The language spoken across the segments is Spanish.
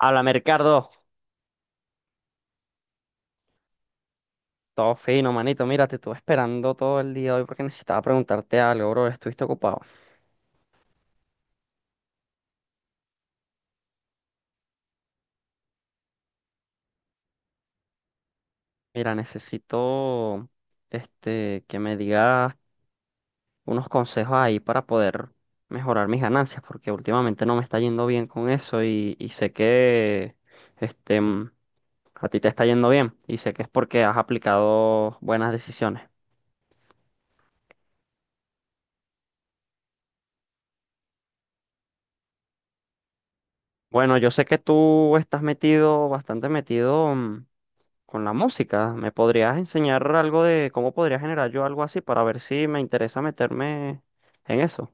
Habla Mercado. Todo fino, manito. Mira, te estuve esperando todo el día hoy porque necesitaba preguntarte algo, bro. Estuviste ocupado. Mira, necesito que me digas unos consejos ahí para poder mejorar mis ganancias, porque últimamente no me está yendo bien con eso y sé que este, mm, a ti te está yendo bien y sé que es porque has aplicado buenas decisiones. Bueno, yo sé que tú estás metido, bastante metido. Con la música, ¿me podrías enseñar algo de cómo podría generar yo algo así para ver si me interesa meterme en eso?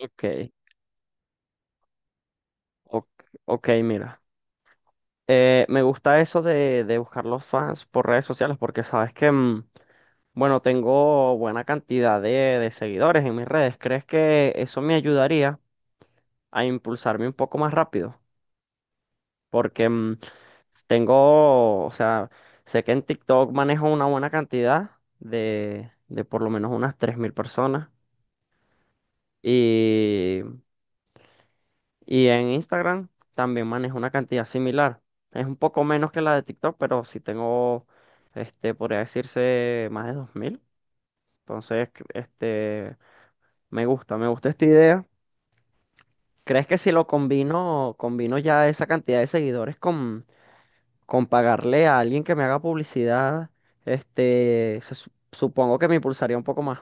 Ok, ok, ok, mira. Me gusta eso de buscar los fans por redes sociales porque sabes que, bueno, tengo buena cantidad de seguidores en mis redes. ¿Crees que eso me ayudaría a impulsarme un poco más rápido? Porque tengo, o sea, sé que en TikTok manejo una buena cantidad de por lo menos unas 3000 personas. Y, y en Instagram también manejo una cantidad similar. Es un poco menos que la de TikTok, pero sí tengo, podría decirse más de 2000. Entonces, me gusta esta idea. ¿Crees que si lo combino, combino ya esa cantidad de seguidores con pagarle a alguien que me haga publicidad, supongo que me impulsaría un poco más?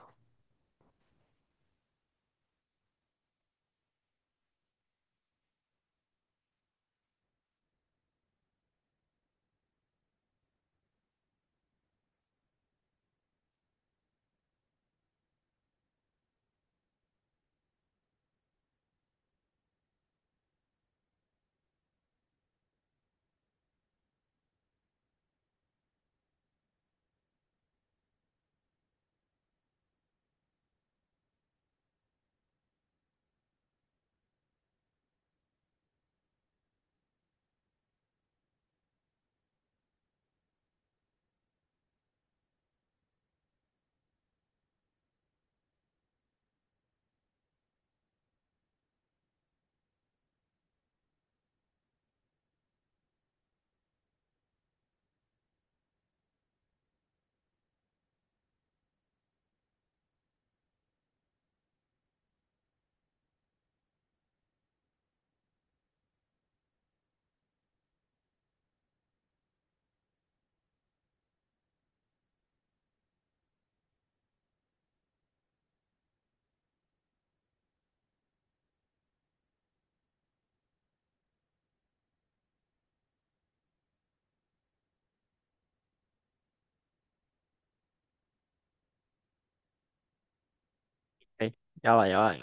Ok, ya va, ya va.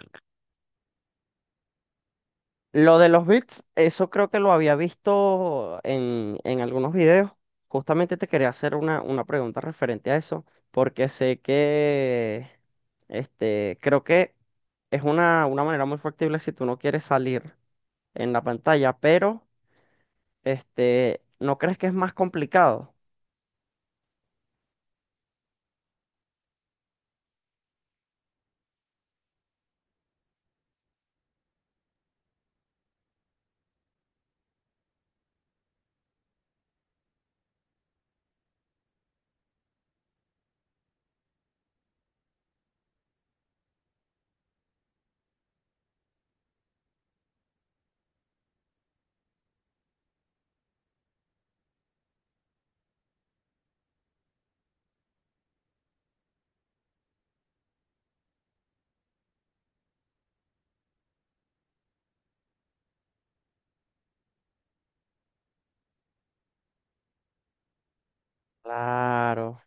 Lo de los bits, eso creo que lo había visto en algunos videos. Justamente te quería hacer una pregunta referente a eso, porque sé que, creo que es una manera muy factible si tú no quieres salir en la pantalla, pero, ¿no crees que es más complicado? Claro.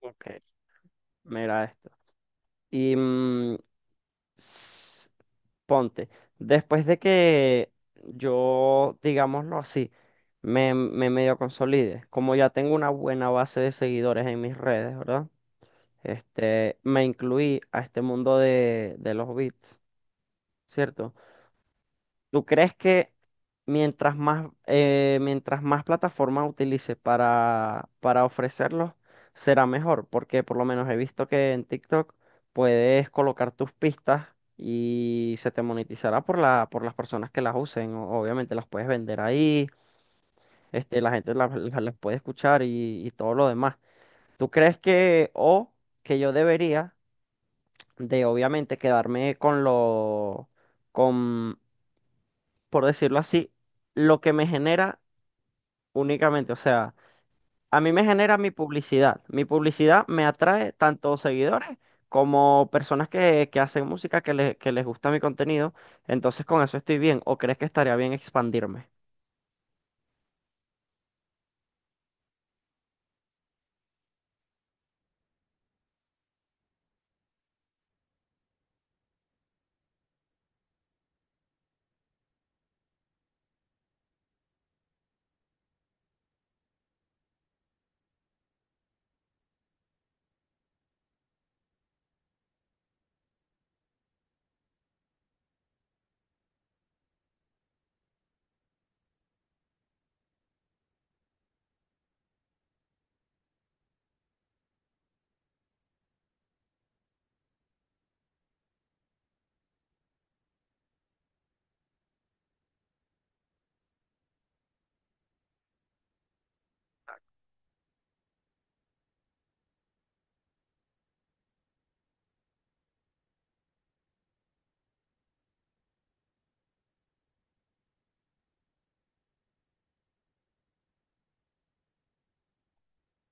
Ok. Mira, este. Y s- ponte, después de que yo, digámoslo así, me medio consolide, como ya tengo una buena base de seguidores en mis redes, ¿verdad? Este, me incluí a este mundo de los beats, ¿cierto? ¿Tú crees que mientras más plataforma utilice para ofrecerlos, será mejor? Porque por lo menos he visto que en TikTok puedes colocar tus pistas y se te monetizará por la, por las personas que las usen. Obviamente las puedes vender ahí, la gente las puede escuchar y todo lo demás. ¿Tú crees que, o que yo debería de obviamente quedarme con lo, por decirlo así, lo que me genera únicamente? O sea, a mí me genera mi publicidad. Mi publicidad me atrae tanto seguidores como personas que hacen música, que, que les gusta mi contenido. Entonces con eso estoy bien. ¿O crees que estaría bien expandirme?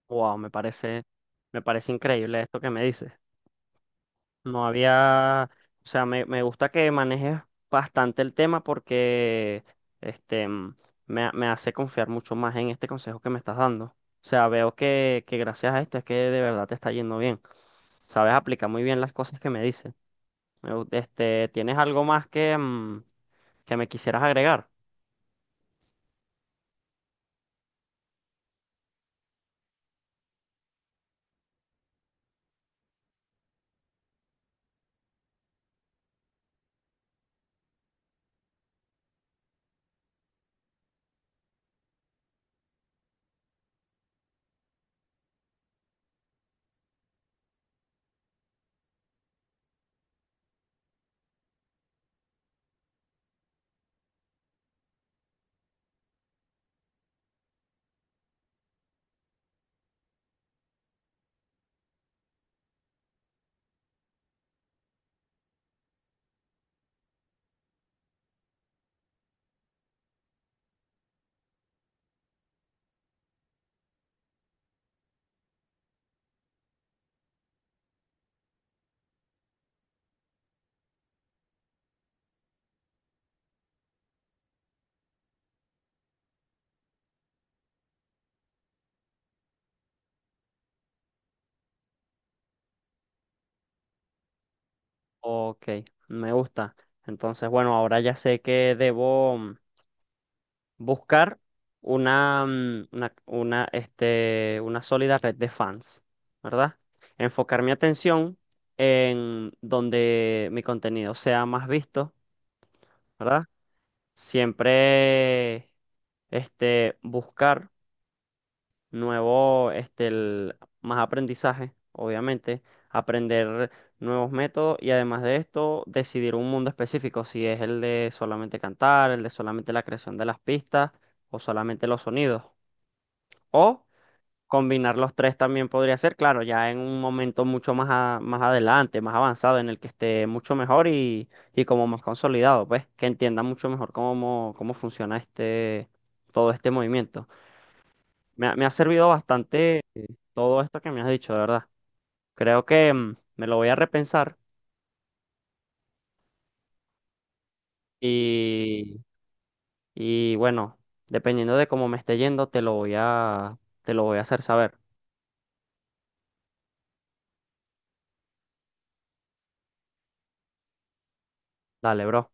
Wow, me parece increíble esto que me dices. No había, o sea, me gusta que manejes bastante el tema porque este mm, me, me hace confiar mucho más en este consejo que me estás dando. O sea, veo que gracias a esto es que de verdad te está yendo bien. Sabes aplicar muy bien las cosas que me dices. ¿Tienes algo más que, que me quisieras agregar? Ok, me gusta. Entonces, bueno, ahora ya sé que debo, buscar una, una, una sólida red de fans, ¿verdad? Enfocar mi atención en donde mi contenido sea más visto, ¿verdad? Siempre buscar nuevo, más aprendizaje, obviamente, aprender nuevos métodos y además de esto, decidir un mundo específico, si es el de solamente cantar, el de solamente la creación de las pistas o solamente los sonidos. O combinar los tres también podría ser, claro, ya en un momento mucho más, más adelante, más avanzado, en el que esté mucho mejor y como más consolidado, pues, que entienda mucho mejor cómo, cómo funciona todo este movimiento. Me ha servido bastante, todo esto que me has dicho, de verdad. Creo que, me lo voy a repensar y, y bueno, dependiendo de cómo me esté yendo, te lo voy a, te lo voy a hacer saber. Dale, bro.